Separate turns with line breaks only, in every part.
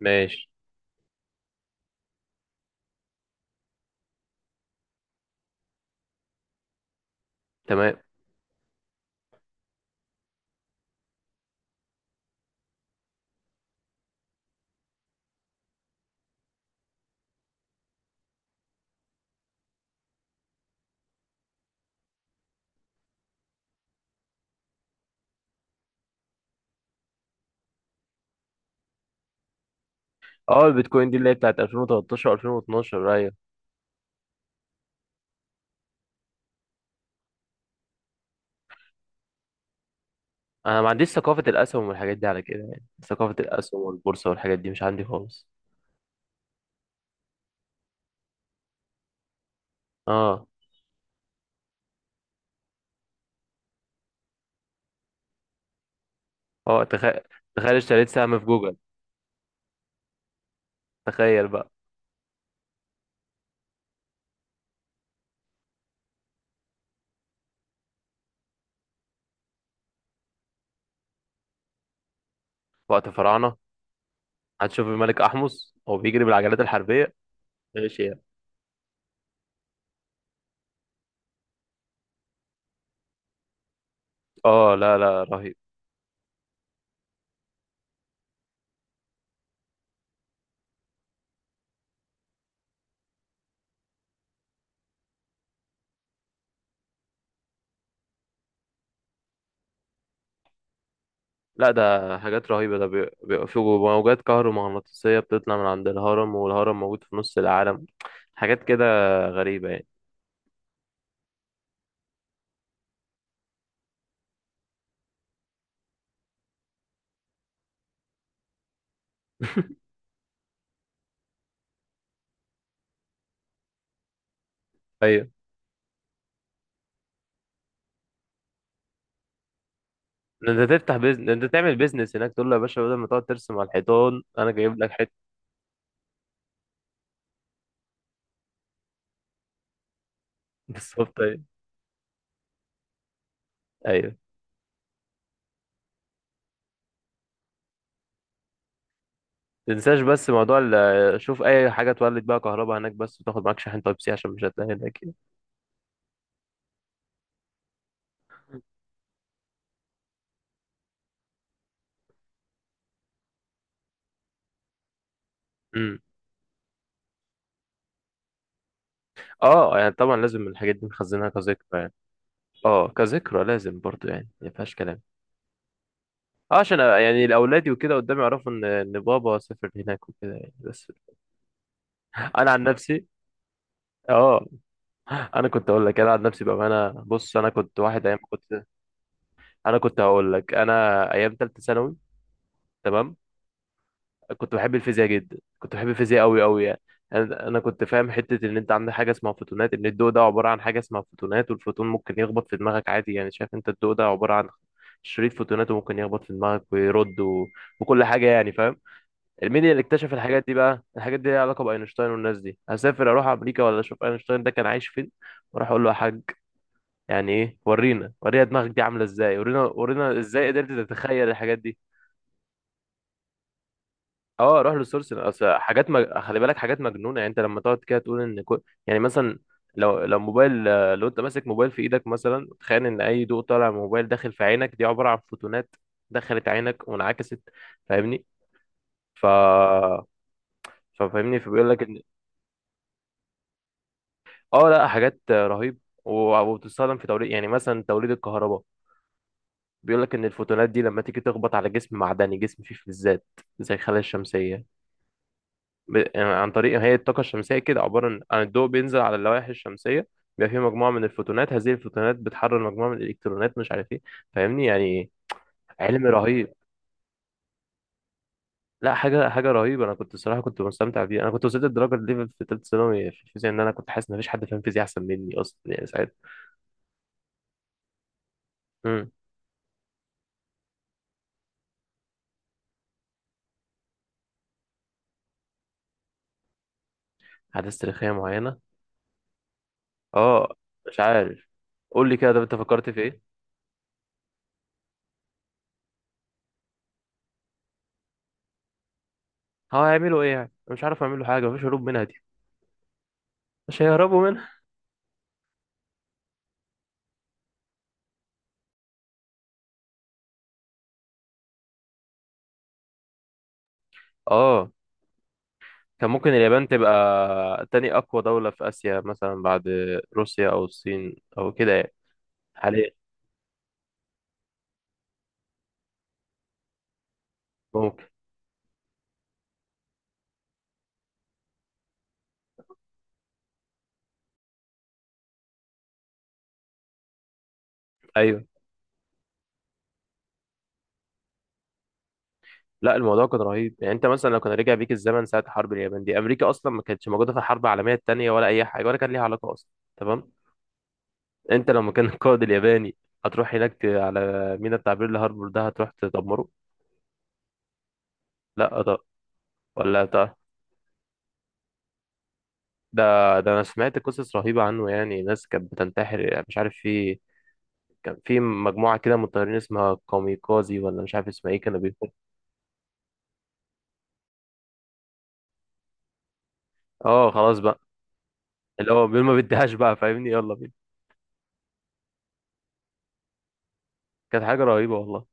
ماشي. تمام. اه، البيتكوين دي اللي هي بتاعت 2013، 2012. ايوه، انا ما عنديش ثقافة الاسهم والحاجات دي على كده، يعني ثقافة الاسهم والبورصة والحاجات دي مش عندي خالص. اه اه، تخيل. اشتريت سهم في جوجل. تخيل بقى. وقت فراعنة هتشوف الملك احمس هو بيجري بالعجلات الحربية، ماشي يعني. اه، لا، رهيب. لا ده حاجات رهيبة، ده بيبقى في موجات كهرومغناطيسية بتطلع من عند الهرم، والهرم موجود في نص العالم. حاجات كده غريبة يعني. ايوه، ده انت تفتح بيزنس، ده انت تعمل بيزنس هناك، تقول له يا باشا بدل ما تقعد ترسم على الحيطان انا جايب لك حته. بالظبط. ايوه. ايوه. تنساش بس موضوع شوف، اي حاجه تولد بقى كهرباء هناك، بس وتاخد معاك شاحن تايب سي عشان مش هتلاقي هناك يعني. امم اه، يعني طبعا لازم الحاجات دي نخزنها كذكرى يعني. اه، كذكرى لازم برضو يعني، ما فيهاش كلام. اه عشان يعني الاولاد وكده قدام يعرفوا ان بابا سافر هناك وكده يعني بس. انا عن نفسي. اه، انا كنت اقول لك انا عن نفسي بقى، انا بص، انا كنت واحد ايام كنت، انا كنت هقول لك انا ايام ثالثه ثانوي. تمام. كنت بحب الفيزياء جدا، كنت بحب الفيزياء قوي قوي يعني. انا كنت فاهم حته ان انت عندك حاجه اسمها فوتونات، ان الضوء ده عباره عن حاجه اسمها فوتونات، والفوتون ممكن يخبط في دماغك عادي، يعني شايف انت الضوء ده عباره عن شريط فوتونات وممكن يخبط في دماغك ويرد وكل حاجه، يعني فاهم. مين اللي اكتشف الحاجات دي بقى؟ الحاجات دي ليها علاقه باينشتاين والناس دي، هسافر اروح امريكا ولا اشوف اينشتاين ده كان عايش فين، واروح اقول له يا حاج، يعني ايه، ورينا ورينا دماغك دي عامله ازاي، ورينا ورينا ازاي قدرت تتخيل الحاجات دي. اه روح للسورس، اصل حاجات خلي بالك حاجات مجنونه يعني. انت لما تقعد كده تقول ان يعني مثلا، لو موبايل، لو انت ماسك موبايل في ايدك مثلا، تخيل ان اي ضوء طالع من موبايل داخل في عينك دي عباره عن فوتونات دخلت عينك وانعكست، فاهمني؟ ف فبيقول لك ان اه، لا حاجات رهيب. وبتستخدم في توليد، يعني مثلا توليد الكهرباء. بيقول لك ان الفوتونات دي لما تيجي تخبط على جسم معدني، جسم فيه فلزات زي الخلايا الشمسيه، يعني عن طريق، هي الطاقة الشمسية كده عبارة عن الضوء بينزل على اللوائح الشمسية، بيبقى فيه مجموعة من الفوتونات، هذه الفوتونات بتحرر مجموعة من الإلكترونات، مش عارف ايه، فاهمني يعني. علم رهيب. لا، حاجة رهيبة. أنا كنت الصراحة كنت مستمتع بيه، أنا كنت وصلت لدرجة ليفل في تالتة ثانوي في الفيزياء، إن أنا كنت حاسس إن مفيش حد فاهم فيزياء أحسن مني أصلا يعني ساعتها. امم أحداث تاريخية معينة. أه، مش عارف. قول لي كده، طب أنت فكرت في إيه؟ هو هيعملوا إيه يعني؟ مش عارف يعملوا حاجة، مفيش هروب منها دي. مش هيهربوا منها. أه، كان ممكن اليابان تبقى تاني أقوى دولة في آسيا مثلا بعد روسيا أو الصين أو كده يعني. حاليا. ممكن. أيوه. لا الموضوع كان رهيب يعني. أنت مثلا لو كان رجع بيك الزمن ساعة حرب اليابان دي، أمريكا أصلا ما كانتش موجودة في الحرب العالمية التانية ولا أي حاجة ولا كان ليها علاقة أصلا. تمام. أنت لو مكان القائد الياباني، هتروح هناك على ميناء بتاع بيرل هاربور ده هتروح تدمره. لا طب، ولا طب، ده، ده أنا سمعت قصص رهيبة عنه يعني، ناس كانت بتنتحر يعني، مش عارف في، كان في مجموعة كده من الطيارين اسمها كاميكازي ولا مش عارف اسمها ايه، كانوا بيكون. اه خلاص بقى، اللي هو بيقول ما بديهاش بقى، فاهمني، يلا بينا. كانت حاجة رهيبة والله.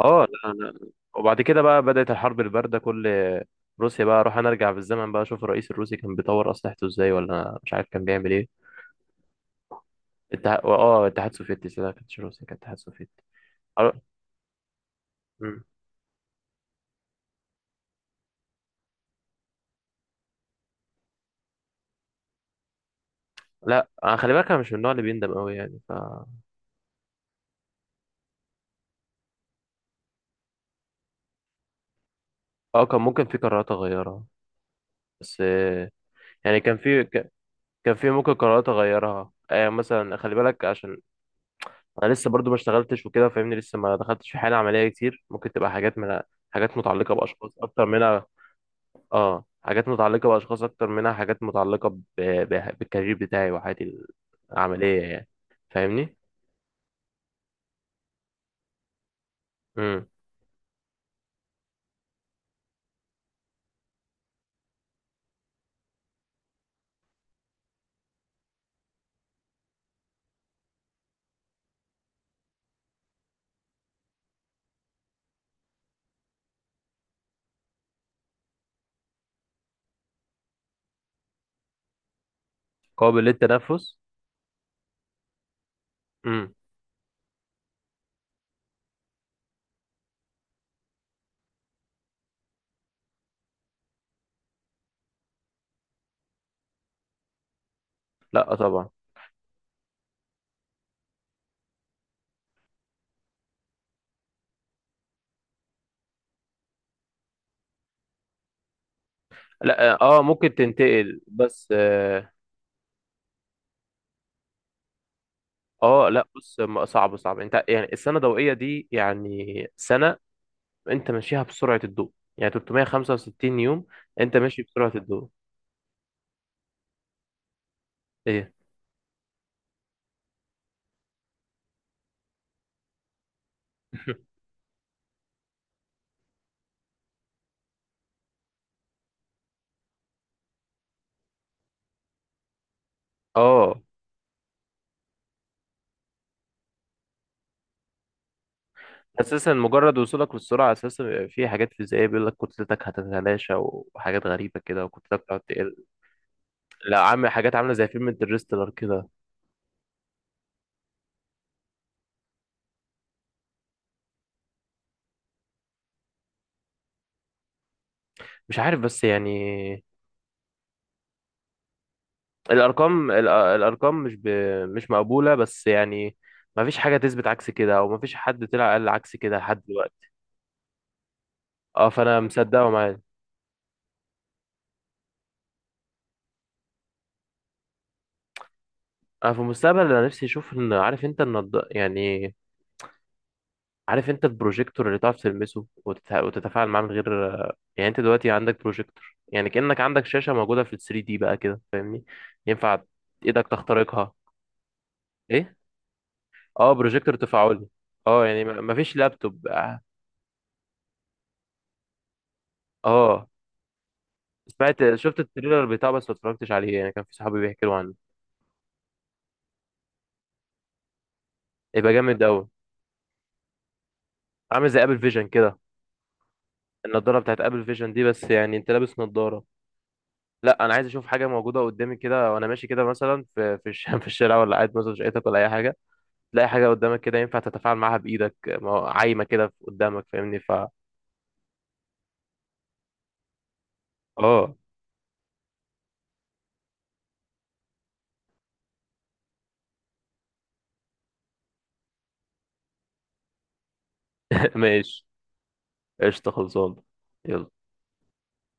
اه، لا. وبعد كده بقى بدأت الحرب الباردة. كل روسيا بقى، اروح انا ارجع بالزمن بقى اشوف الرئيس الروسي كان بيطور اسلحته ازاي ولا مش عارف كان بيعمل ايه. الاتحاد، اه الاتحاد السوفيتي، لا ما كانتش روسيا، كانت الاتحاد السوفيتي. أر- مم. لا انا خلي بالك انا مش من النوع اللي بيندم قوي يعني اه، كان ممكن في قرارات اغيرها بس يعني كان في، كان في ممكن قرارات اغيرها. آه مثلا خلي بالك، عشان انا لسه برضو ما اشتغلتش وكده فاهمني، لسه ما دخلتش في حاله عمليه كتير، ممكن تبقى حاجات من، حاجات متعلقه باشخاص اكتر منها. اه، حاجات متعلقه باشخاص اكتر منها، حاجات متعلقه بالكارير بتاعي وحياتي العمليه يعني. فاهمني. امم قابل للتنفس. امم لا طبعا. لا اه، ممكن تنتقل بس اه، لا بص، صعب. انت يعني السنه الضوئيه دي يعني سنه، انت ماشيها بسرعة الضوء، يعني 365 يوم انت ماشي بسرعة الضوء. ايه؟ اه، اساسا مجرد وصولك للسرعة اساسا بيبقى في حاجات فيزيائية، بيقول لك كتلتك هتتلاشى وحاجات غريبة كده، وكتلتك تقعد تقل. لا عامل حاجات عاملة زي فيلم انترستيلر كده. مش عارف، بس يعني الارقام الارقام مش مقبولة، بس يعني ما فيش حاجة تثبت عكس كده، او ما فيش حد طلع قال عكس كده لحد دلوقتي. اه، فانا مصدقه معاه. انا في المستقبل، انا نفسي اشوف ان، عارف انت النض يعني، عارف انت البروجيكتور اللي تعرف تلمسه وتتفاعل معاه من غير، يعني انت دلوقتي عندك بروجيكتور يعني كأنك عندك شاشة موجودة في ال 3 دي بقى كده، فاهمني؟ ينفع ايدك تخترقها. ايه؟ اه، بروجيكتور تفاعلي. اه، يعني مفيش لابتوب. اه، اه. سمعت، شفت التريلر بتاعه بس ما اتفرجتش عليه يعني، كان في صحابي بيحكوا عنه. يبقى جامد قوي، عامل زي ابل فيجن كده. النضاره بتاعت ابل فيجن دي بس يعني انت لابس نضاره. لا انا عايز اشوف حاجه موجوده قدامي كده، وانا ماشي كده مثلا في في الشارع، ولا قاعد مثلا في شقتك ولا اي حاجه، تلاقي حاجة قدامك كده ينفع تتفاعل معاها بإيدك. ما هو عايمة كده قدامك، فاهمني؟ اه. ماشي، قشطة، خلصان. يلا.